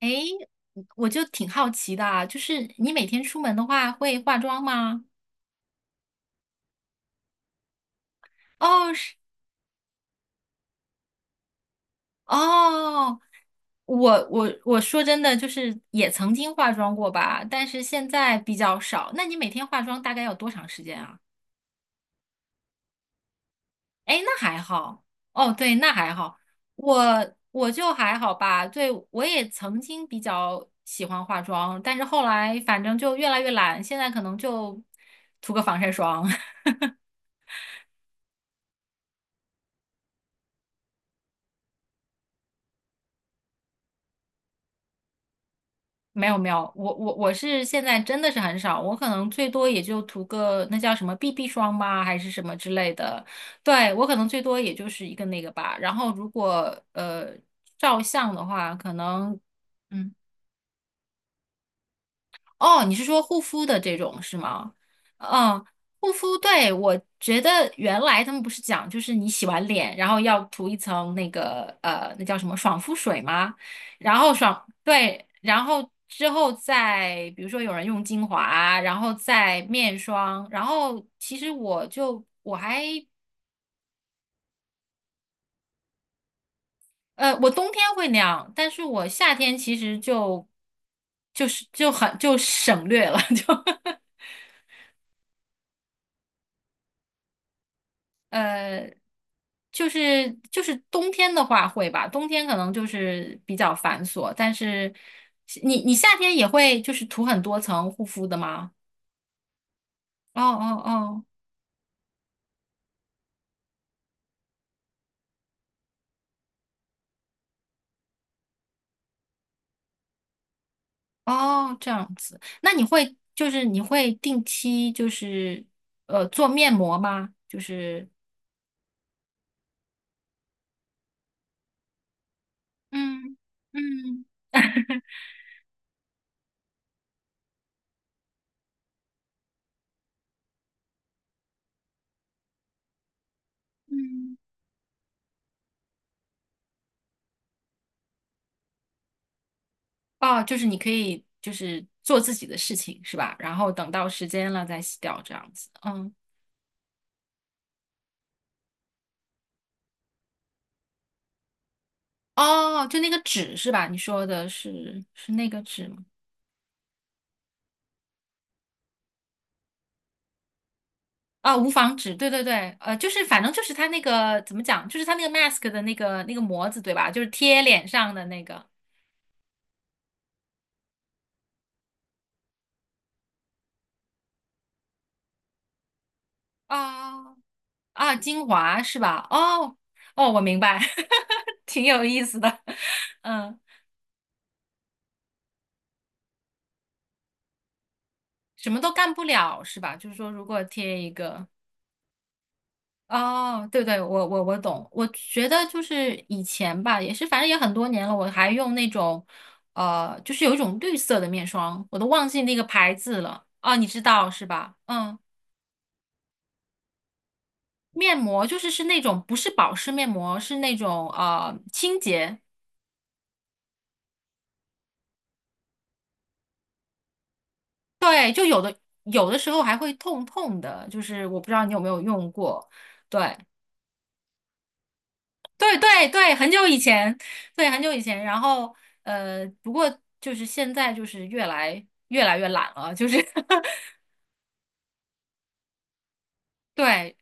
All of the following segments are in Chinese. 诶，我就挺好奇的啊，就是你每天出门的话会化妆吗？哦，是哦，我说真的，就是也曾经化妆过吧，但是现在比较少。那你每天化妆大概要多长时间啊？哎，那还好。哦，对，那还好。我就还好吧，对，我也曾经比较喜欢化妆，但是后来反正就越来越懒，现在可能就涂个防晒霜。没有没有，我是现在真的是很少，我可能最多也就涂个那叫什么 BB 霜吧，还是什么之类的。对，我可能最多也就是一个那个吧。然后如果照相的话，可能。嗯。哦，你是说护肤的这种是吗？嗯，护肤，对，我觉得原来他们不是讲，就是你洗完脸，然后要涂一层那个那叫什么爽肤水吗？然后爽，对，然后之后再比如说有人用精华，然后再面霜，然后其实我就我还我冬天会那样，但是我夏天其实就就是就很就省略了，就呃，就是冬天的话会吧，冬天可能就是比较繁琐，但是你夏天也会就是涂很多层护肤的吗？哦哦哦哦，这样子，那你会就是你会定期就是做面膜吗？就是嗯嗯嗯，哦，就是你可以就是做自己的事情是吧？然后等到时间了再洗掉这样子，嗯。哦，就那个纸是吧？你说的是那个纸吗？啊、无纺纸，对对对，就是反正就是它那个怎么讲，就是它那个 mask 的那个模子，对吧？就是贴脸上的那个啊啊，精华是吧？哦哦，我明白，挺有意思的，嗯，什么都干不了是吧？就是说，如果贴一个。哦，对对，我懂。我觉得就是以前吧，也是反正也很多年了，我还用那种，就是有一种绿色的面霜，我都忘记那个牌子了。哦，你知道是吧？嗯，面膜就是那种不是保湿面膜，是那种清洁。对，就有的时候还会痛痛的，就是我不知道你有没有用过。对。对对对，很久以前，对，很久以前。然后，不过就是现在就是越来越懒了，就是 对，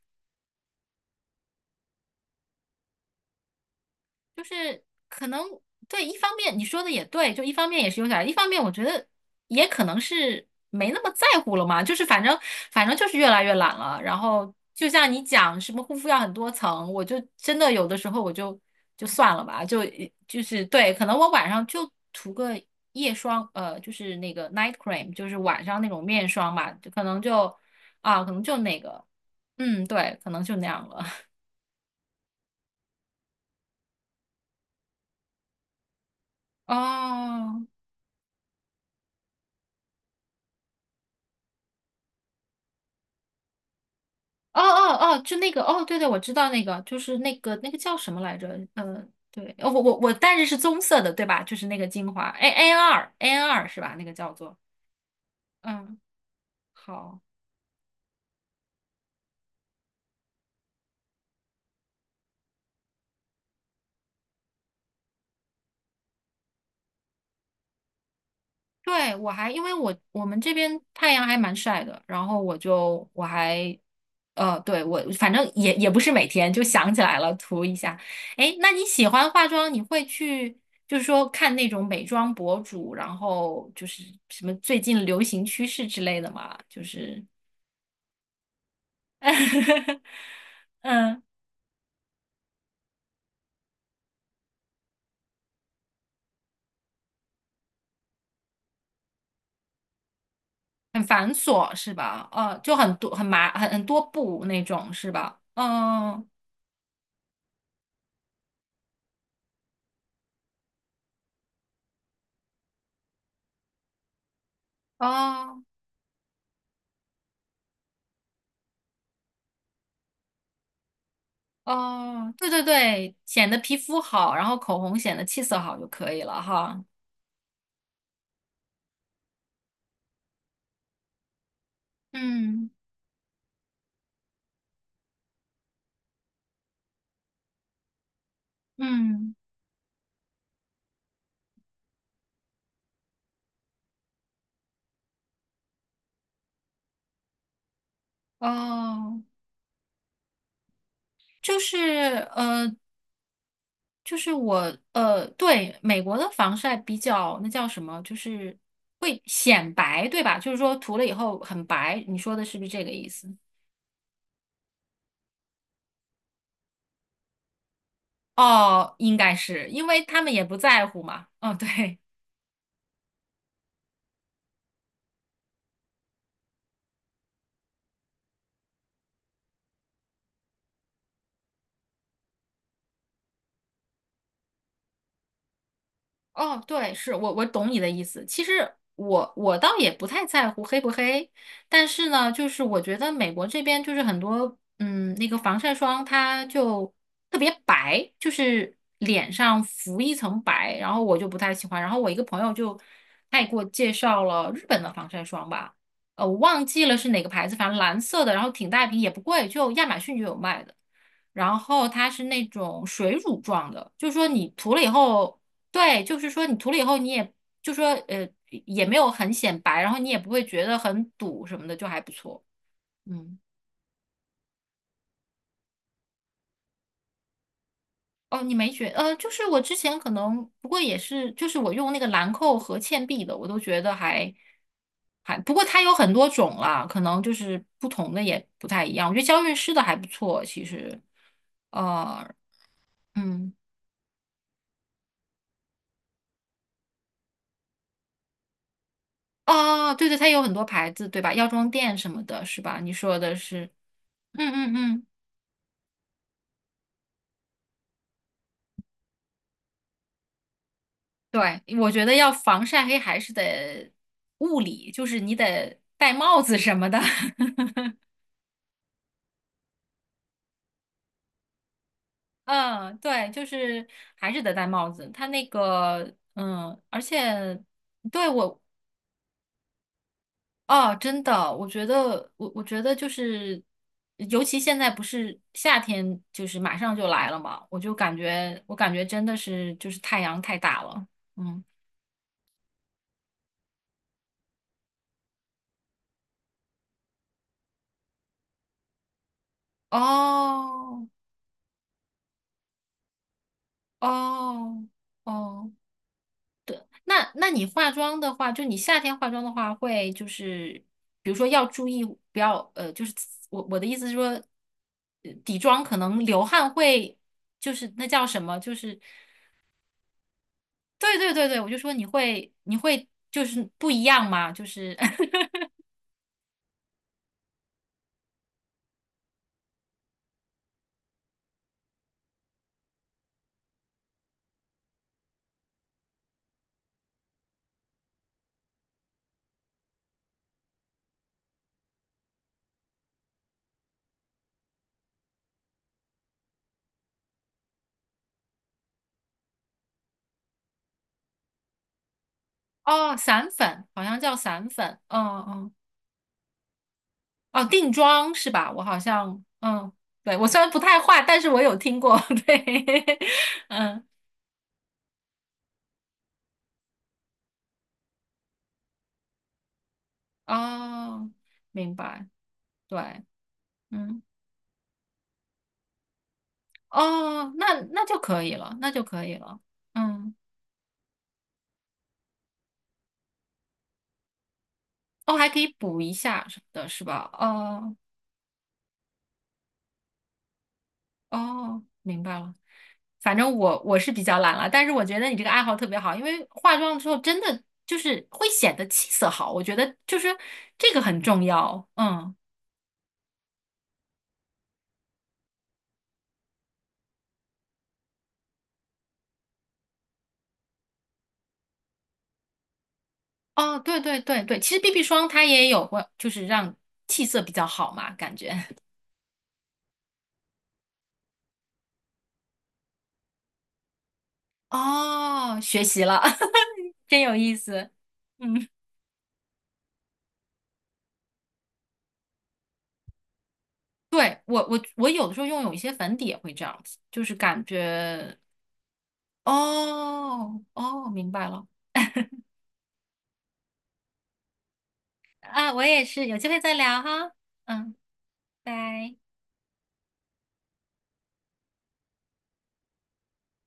就是可能对，一方面你说的也对，就一方面也是有点儿，一方面我觉得也可能是没那么在乎了嘛，就是反正就是越来越懒了。然后就像你讲什么护肤要很多层，我就真的有的时候我就算了吧，就是对，可能我晚上就涂个夜霜，就是那个 night cream，就是晚上那种面霜吧，就可能就啊，可能就那个，嗯，对，可能就那样了。哦，哦哦哦，就那个哦，对对，我知道那个，就是那个叫什么来着？嗯、对，哦我戴着是棕色的，对吧？就是那个精华，A N 二 N 二是吧？那个叫做，嗯，好，对我还因为我们这边太阳还蛮晒的，然后我就我还对我反正也不是每天就想起来了涂一下。哎，那你喜欢化妆，你会去？就是说，看那种美妆博主，然后就是什么最近流行趋势之类的吗？就是 嗯，很繁琐是吧？哦，就很多很麻很很多步那种是吧？嗯，哦哦，对对对，显得皮肤好，然后口红显得气色好就可以了哈。嗯嗯，哦，就是呃，就是我对，美国的防晒比较那叫什么，就是会显白，对吧？就是说涂了以后很白，你说的是不是这个意思？哦，应该是因为他们也不在乎嘛。哦，对。哦，对，是我懂你的意思。其实我倒也不太在乎黑不黑，但是呢，就是我觉得美国这边就是很多那个防晒霜它就特别白，就是脸上浮一层白，然后我就不太喜欢。然后我一个朋友就他也给我介绍了日本的防晒霜吧，我忘记了是哪个牌子，反正蓝色的，然后挺大一瓶，也不贵，就亚马逊就有卖的。然后它是那种水乳状的，就是说你涂了以后。对，就是说你涂了以后，你也就说也没有很显白，然后你也不会觉得很堵什么的，就还不错。嗯，哦，你没觉呃，就是我之前可能不过也是，就是我用那个兰蔻和倩碧的，我都觉得还，不过它有很多种啦，可能就是不同的也不太一样。我觉得娇韵诗的还不错，其实，呃，嗯，哦，对对，它有很多牌子，对吧？药妆店什么的，是吧？你说的是，嗯嗯嗯。对，我觉得要防晒黑还是得物理，就是你得戴帽子什么的。嗯，对，就是还是得戴帽子。它那个，嗯，而且对我，哦，真的，我觉得，我觉得就是，尤其现在不是夏天，就是马上就来了嘛，我就感觉，我感觉真的是就是太阳太大了。嗯，哦，哦，哦。那你化妆的话，就你夏天化妆的话，会就是比如说要注意不要就是我的意思是说，底妆可能流汗会就是那叫什么，就是对对对对，我就说你会就是不一样嘛，就是 哦散粉好像叫散粉，嗯嗯哦定妆是吧？我好像嗯对我虽然不太化，但是我有听过，对 嗯哦明白对嗯。哦，那就可以了，那就可以了。嗯，哦，还可以补一下什么的，是吧？哦哦，明白了。反正我是比较懒了，但是我觉得你这个爱好特别好，因为化妆之后真的就是会显得气色好，我觉得就是这个很重要。嗯，哦，对对对对，其实 BB 霜它也有过，就是让气色比较好嘛，感觉。哦，学习了，真有意思。嗯。对，我有的时候用有一些粉底也会这样子，就是感觉哦哦，明白了啊，我也是，有机会再聊哈，嗯，拜。